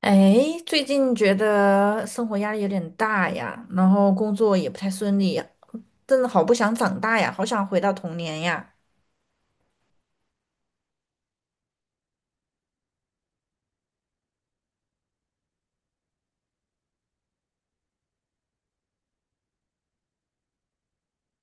哎，最近觉得生活压力有点大呀，然后工作也不太顺利呀，真的好不想长大呀，好想回到童年呀。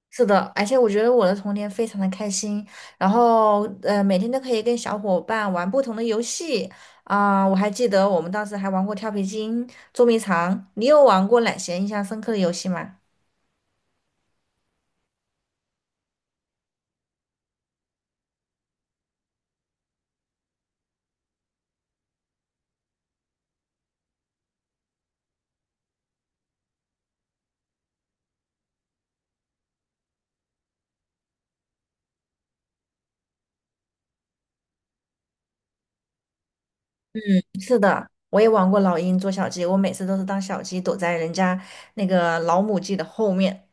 是的，而且我觉得我的童年非常的开心，然后每天都可以跟小伙伴玩不同的游戏啊，我还记得我们当时还玩过跳皮筋、捉迷藏。你有玩过哪些印象深刻的游戏吗？是的，我也玩过老鹰捉小鸡，我每次都是当小鸡躲在人家那个老母鸡的后面。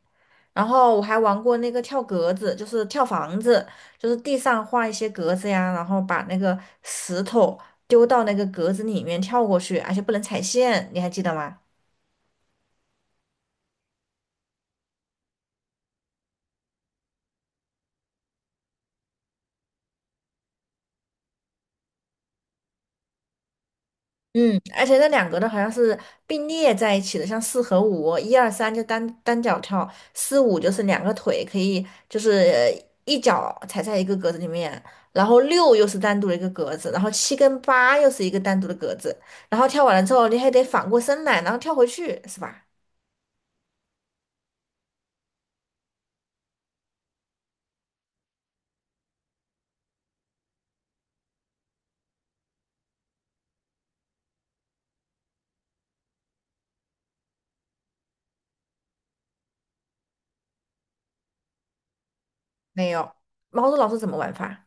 然后我还玩过那个跳格子，就是跳房子，就是地上画一些格子呀，然后把那个石头丢到那个格子里面跳过去，而且不能踩线，你还记得吗？嗯，而且那两格的好像是并列在一起的，像四和五，一二三就单脚跳，四五就是两个腿可以就是一脚踩在一个格子里面，然后六又是单独的一个格子，然后七跟八又是一个单独的格子，然后跳完了之后你还得反过身来，然后跳回去，是吧？没有，猫豆老鼠怎么玩法？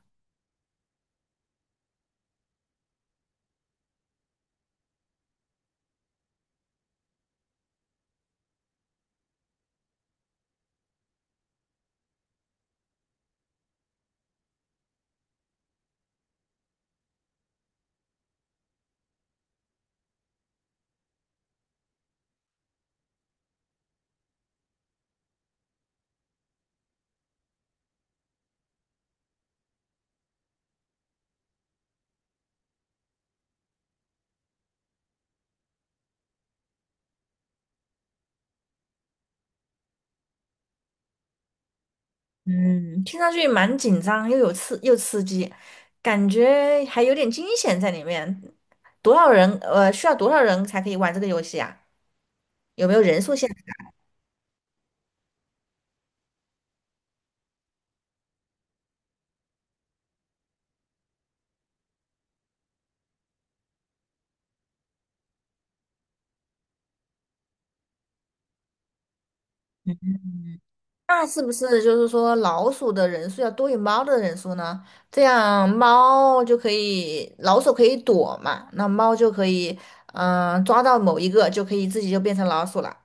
嗯，听上去蛮紧张，又有刺又刺激，感觉还有点惊险在里面。多少人？需要多少人才可以玩这个游戏啊？有没有人数限制？那是不是就是说老鼠的人数要多于猫的人数呢？这样猫就可以，老鼠可以躲嘛，那猫就可以，嗯、抓到某一个就可以自己就变成老鼠了。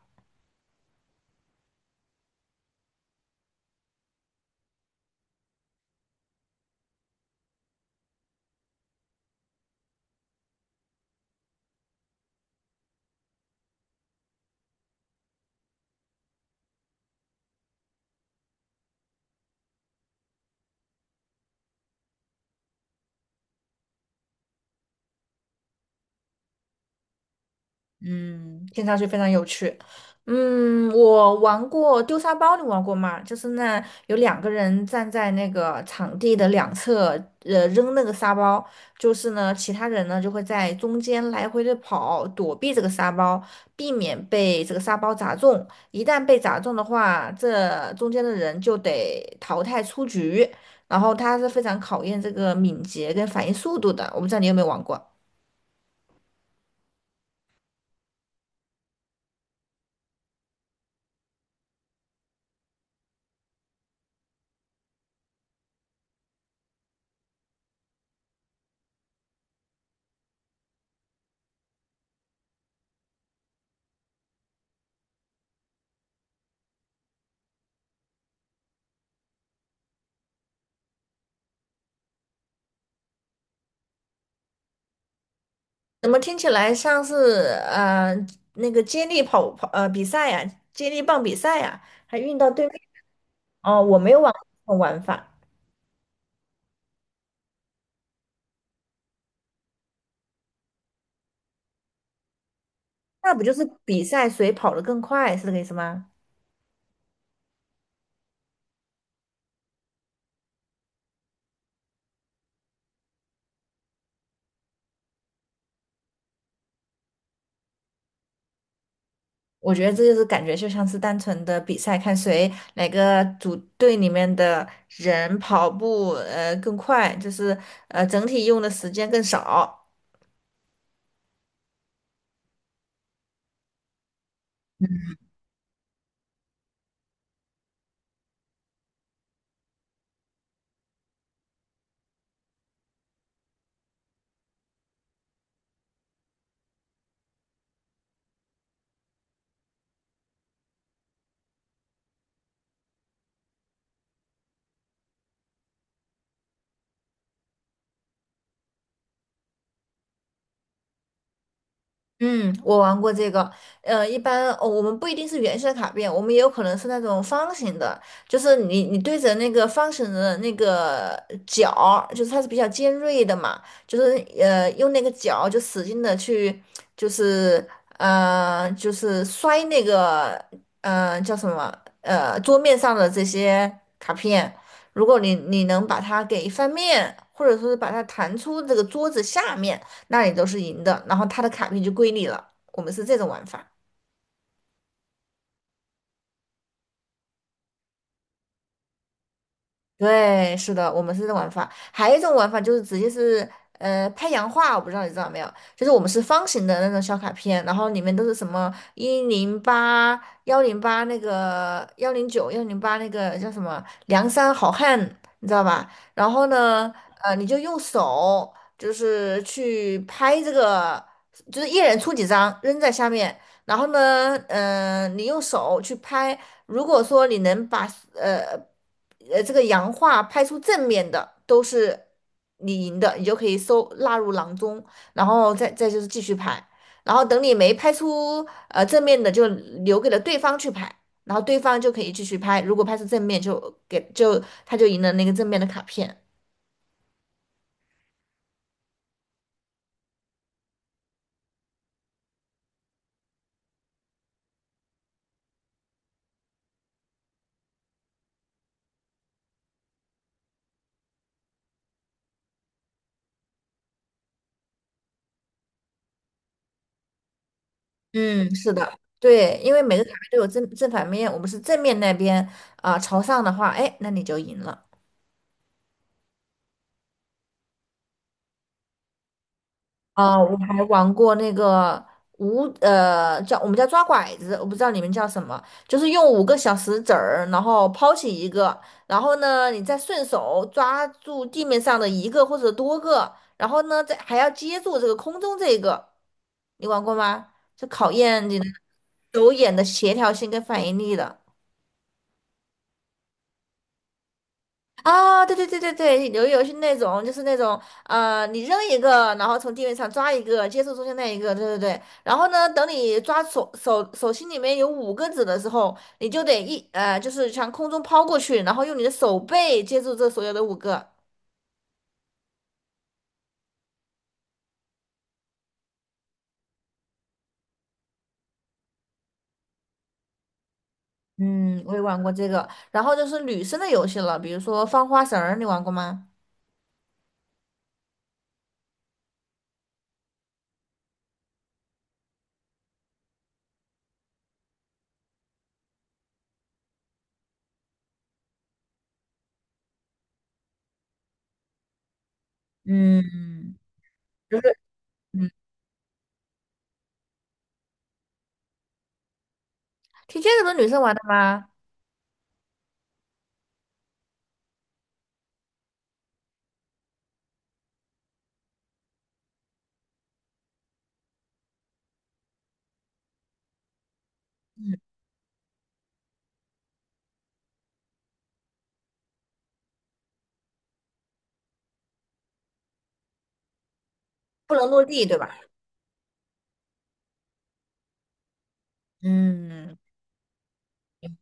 嗯，听上去非常有趣。嗯，我玩过丢沙包，你玩过吗？就是那有两个人站在那个场地的两侧，扔那个沙包，就是呢，其他人呢就会在中间来回的跑，躲避这个沙包，避免被这个沙包砸中。一旦被砸中的话，这中间的人就得淘汰出局。然后它是非常考验这个敏捷跟反应速度的。我不知道你有没有玩过。怎么听起来像是呃那个接力跑比赛呀、接力棒比赛呀、还运到对面哦，我没有玩过这种玩法，那不就是比赛谁跑得更快，是这个意思吗？我觉得这就是感觉就像是单纯的比赛，看谁哪个组队里面的人跑步更快，就是整体用的时间更少。嗯，我玩过这个，一般哦，我们不一定是圆形的卡片，我们也有可能是那种方形的，就是你对着那个方形的那个角儿就是它是比较尖锐的嘛，就是用那个角就使劲的去，就是就是摔那个叫什么桌面上的这些卡片，如果你能把它给翻面，或者说是把它弹出这个桌子下面。那你都是赢的，然后他的卡片就归你了。我们是这种玩法。对，是的，我们是这种玩法。还有一种玩法就是直接是拍洋画，我不知道你知道没有？就是我们是方形的那种小卡片，然后里面都是什么108、幺零八那个109、幺零八那个叫什么梁山好汉，你知道吧？然后呢，你就用手就是去拍这个，就是一人出几张扔在下面。然后呢，你用手去拍，如果说你能把呃这个洋画拍出正面的，都是你赢的，你就可以收纳入囊中，然后再就是继续拍，然后等你没拍出正面的，就留给了对方去拍，然后对方就可以继续拍，如果拍出正面就给就他就赢了那个正面的卡片。嗯，是的，对，因为每个卡片都有正反面，我们是正面那边啊、朝上的话，哎，那你就赢了。啊、我还玩过那个我们叫抓拐子，我不知道你们叫什么，就是用五个小石子儿，然后抛起一个，然后呢你再顺手抓住地面上的一个或者多个，然后呢再还要接住这个空中这个，你玩过吗？就考验你的手眼的协调性跟反应力的。啊，对对对对对，是那种，就是那种，你扔一个，然后从地面上抓一个，接住中间那一个，对对对。然后呢，等你抓手心里面有五个子的时候，你就得就是向空中抛过去，然后用你的手背接住这所有的五个。嗯，我也玩过这个。然后就是女生的游戏了，比如说放花绳儿，你玩过吗？嗯嗯，踢毽子不是女生玩的吗？嗯，不能落地，对吧？嗯，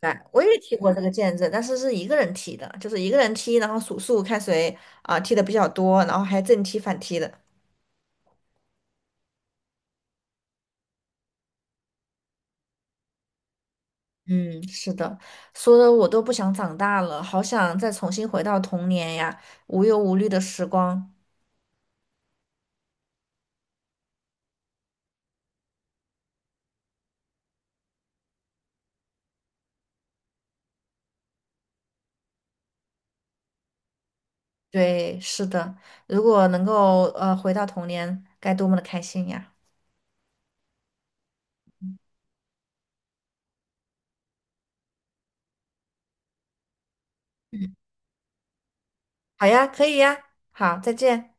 对，我也踢过这个毽子，但是是一个人踢的，就是一个人踢，然后数数看谁啊、踢的比较多，然后还正踢反踢的。嗯，是的，说的我都不想长大了，好想再重新回到童年呀，无忧无虑的时光。对，是的，如果能够回到童年，该多么的开心呀！好呀，可以呀，好，再见。